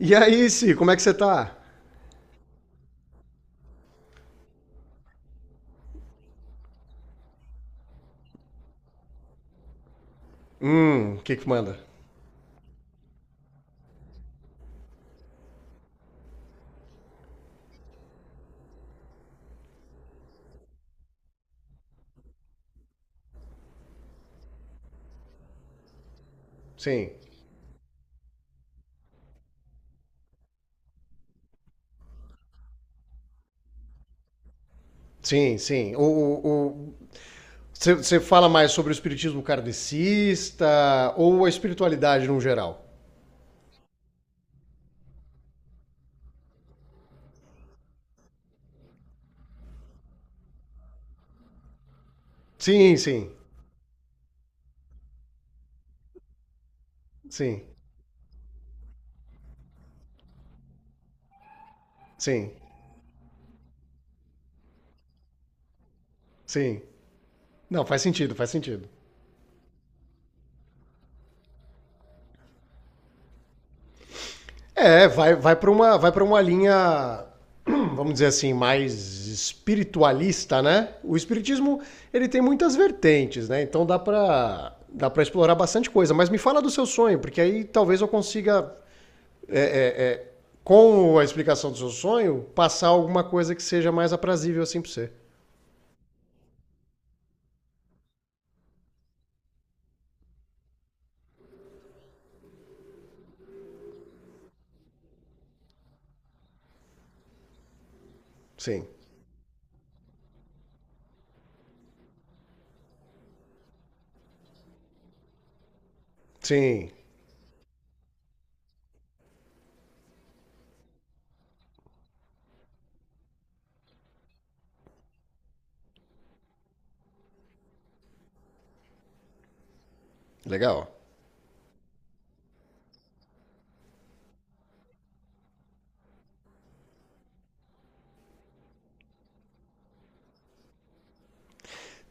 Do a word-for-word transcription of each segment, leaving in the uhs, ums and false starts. E aí, Si, como é que você tá? Hum, o que que manda? Sim, sim, sim. O- o- Você fala mais sobre o espiritismo kardecista ou a espiritualidade no geral? Sim, sim, sim, sim, sim. Não, faz sentido, faz sentido. É, vai, vai para uma, vai para uma linha, vamos dizer assim, mais espiritualista, né? O espiritismo, ele tem muitas vertentes, né? Então dá para dá para explorar bastante coisa, mas me fala do seu sonho, porque aí talvez eu consiga com a explicação do seu sonho passar alguma coisa que seja mais aprazível assim para você. Sim. Sim, legal.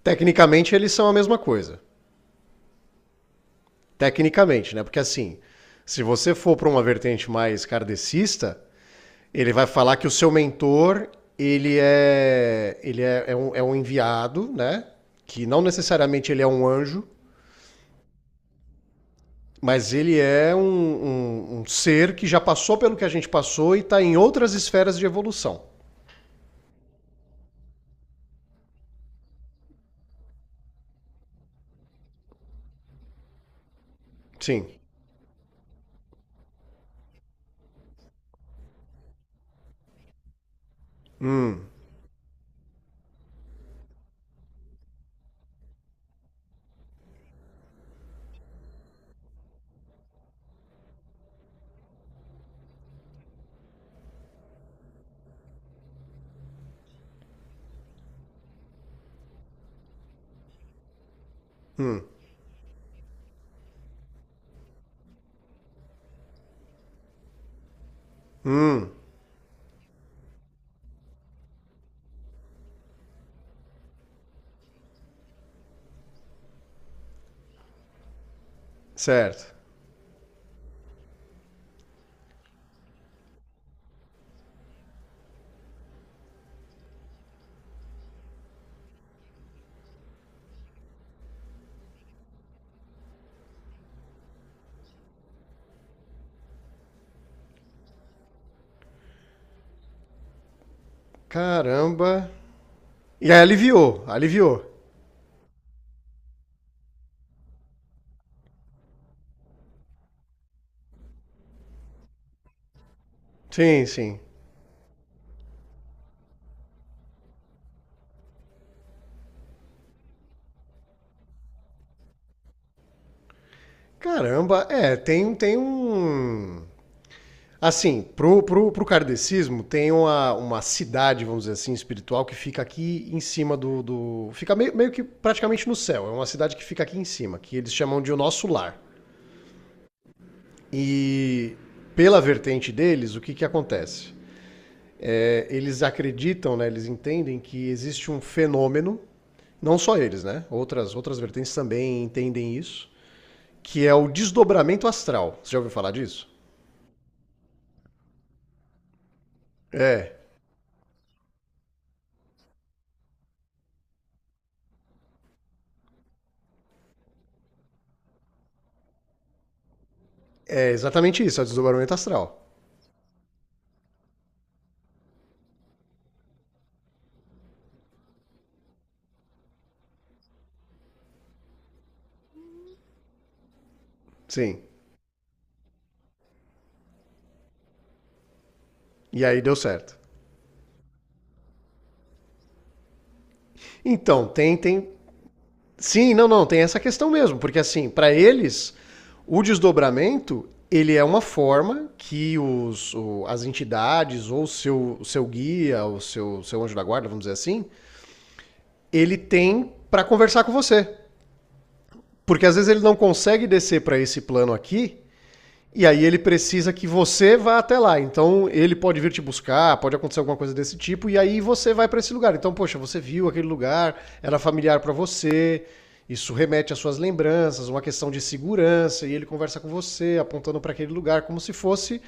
Tecnicamente eles são a mesma coisa. Tecnicamente, né? Porque assim, se você for para uma vertente mais kardecista, ele vai falar que o seu mentor, ele é, ele é, é um, é um enviado, né? Que não necessariamente ele é um anjo, mas ele é um, um- um ser que já passou pelo que a gente passou e está em outras esferas de evolução. Sim, certo. Caramba. E aí aliviou, aliviou. Sim, sim. Caramba, é, tem, tem um. Assim, pro, pro, pro kardecismo tem uma, uma cidade, vamos dizer assim, espiritual que fica aqui em cima do. Do fica meio, meio que praticamente no céu. É uma cidade que fica aqui em cima, que eles chamam de o nosso lar. E pela vertente deles, o que, que acontece? É, eles acreditam, né, eles entendem que existe um fenômeno, não só eles, né? Outras, outras vertentes também entendem isso, que é o desdobramento astral. Você já ouviu falar disso? É, é exatamente isso, é o desdobramento astral. Sim. E aí deu certo. Então, tem, tem. Sim, não, não, tem essa questão mesmo, porque assim, para eles, o desdobramento ele é uma forma que os, o- as entidades ou o seu, seu guia, o seu, seu anjo da guarda, vamos dizer assim, ele tem para conversar com você. Porque às vezes ele não consegue descer para esse plano aqui. E aí ele precisa que você vá até lá. Então ele pode vir te buscar, pode acontecer alguma coisa desse tipo, e aí você vai para esse lugar. Então, poxa, você viu aquele lugar, era familiar para você, isso remete às suas lembranças, uma questão de segurança, e ele conversa com você, apontando para aquele lugar como se fosse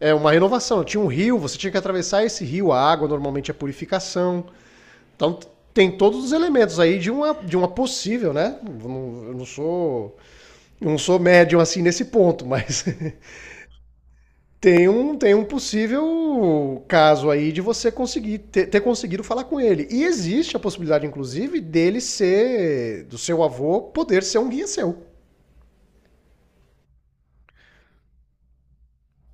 é, uma renovação. Tinha um rio, você tinha que atravessar esse rio, a água normalmente é purificação. Então tem todos os elementos aí de uma, de uma possível, né? Eu não, eu não sou eu não sou médium assim nesse ponto, mas tem um, tem um possível caso aí de você conseguir ter, ter conseguido falar com ele. E existe a possibilidade, inclusive, dele ser, do seu avô, poder ser um guia seu.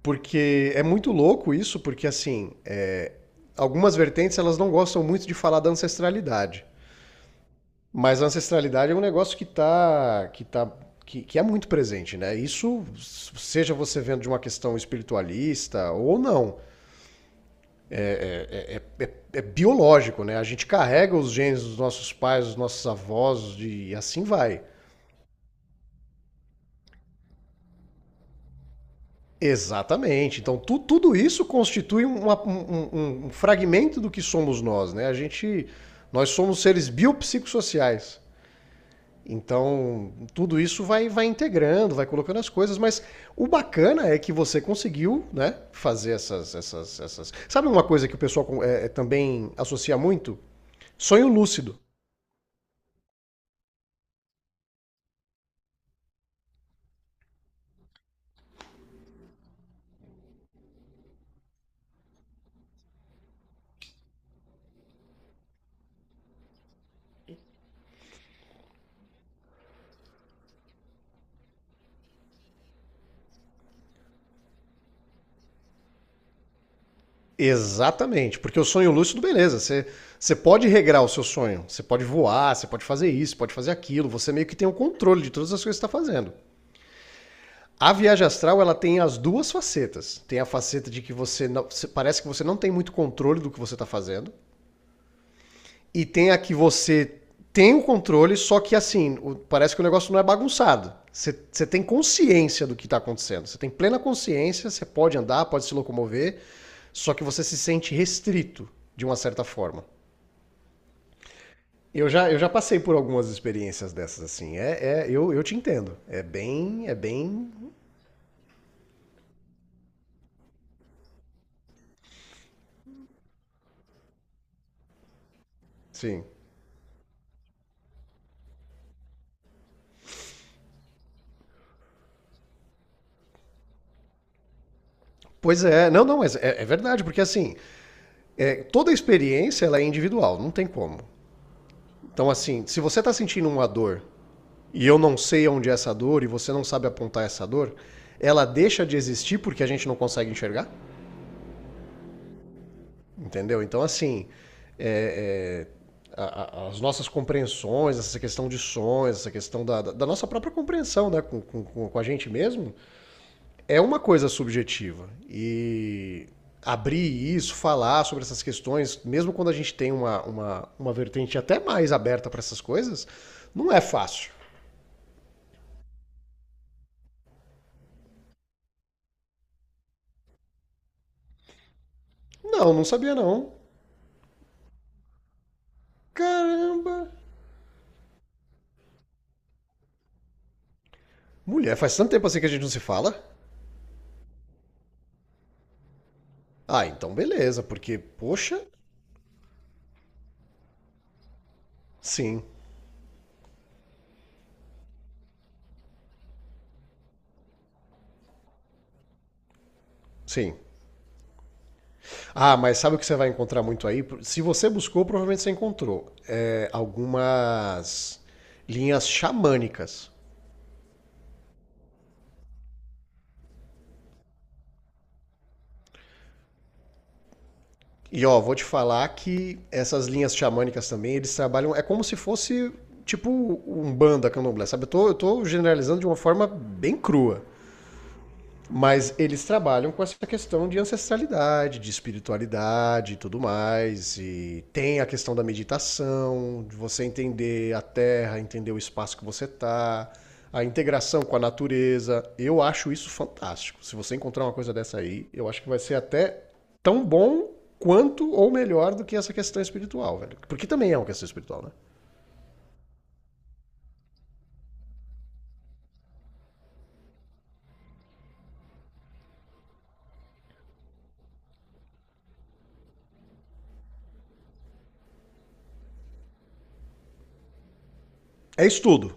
Porque é muito louco isso, porque assim, é, algumas vertentes elas não gostam muito de falar da ancestralidade. Mas a ancestralidade é um negócio que tá, que tá que, que é muito presente, né? Isso, seja você vendo de uma questão espiritualista ou não. É, é biológico, né? A gente carrega os genes dos nossos pais, dos nossos avós de, e assim vai. Exatamente. Então, tu- tudo isso constitui uma- um, um- um um fragmento do que somos nós, né? A gente, nós somos seres biopsicossociais. Então, tudo isso vai, vai integrando, vai colocando as coisas, mas o bacana é que você conseguiu, né, fazer essas, essas, essas... Sabe uma coisa que o pessoal é, é, também associa muito? Sonho lúcido. Exatamente, porque o sonho lúcido, beleza, você, você pode regrar o seu sonho, você pode voar, você pode fazer isso, pode fazer aquilo, você meio que tem o controle de todas as coisas que está fazendo. A viagem astral, ela tem as duas facetas. Tem a faceta de que você não- parece que você não tem muito controle do que você está fazendo, e tem a que você tem o controle, só que assim, parece que o negócio não é bagunçado. Você você tem consciência do que está acontecendo. Você tem plena consciência, você pode andar, pode se locomover, só que você se sente restrito de uma certa forma. Eu já, eu já passei por algumas experiências dessas, assim. É, é- eu, eu te entendo. É bem. É bem. Sim. Pois é, não, não, mas é, é verdade, porque assim, é, toda experiência ela é individual, não tem como. Então, assim, se você está sentindo uma dor e eu não sei onde é essa dor e você não sabe apontar essa dor, ela deixa de existir porque a gente não consegue enxergar, entendeu? Então, assim, é, é, a- a- as nossas compreensões, essa questão de sonhos, essa questão da, da- da nossa própria compreensão né, com, com- com- com a gente mesmo, é uma coisa subjetiva. E abrir isso, falar sobre essas questões, mesmo quando a gente tem uma, uma, uma vertente até mais aberta para essas coisas, não é fácil. Não, não sabia não. Caramba! Mulher, faz tanto tempo assim que a gente não se fala. Ah, então beleza, porque, poxa, sim, sim. Ah, mas sabe o que você vai encontrar muito aí? Se você buscou, provavelmente você encontrou é, algumas linhas xamânicas. E ó, vou te falar que essas linhas xamânicas também, eles trabalham. É como se fosse tipo um banda candomblé, sabe? Eu tô, eu tô generalizando de uma forma bem crua. Mas eles trabalham com essa questão de ancestralidade, de espiritualidade e tudo mais. E tem a questão da meditação, de você entender a terra, entender o espaço que você está, a integração com a natureza. Eu acho isso fantástico. Se você encontrar uma coisa dessa aí, eu acho que vai ser até tão bom quanto ou melhor do que essa questão espiritual, velho. Porque também é uma questão espiritual, né? É estudo.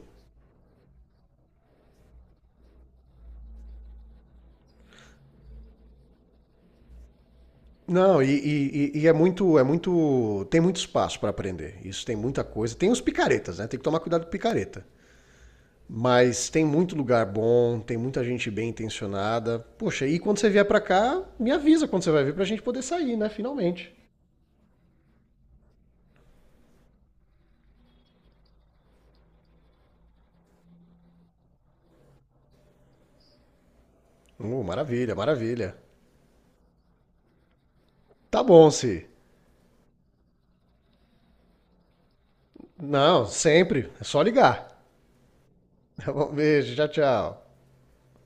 Não, e, e- e- e é muito, é muito, tem muito espaço para aprender. Isso tem muita coisa. Tem os picaretas, né? Tem que tomar cuidado com picareta. Mas tem muito lugar bom, tem muita gente bem intencionada. Poxa, e quando você vier para cá, me avisa quando você vai vir pra gente poder sair, né? Finalmente. Uh, maravilha, maravilha. Tá bom, Si. Não, sempre. É só ligar. Tá bom, beijo, tchau, tchau.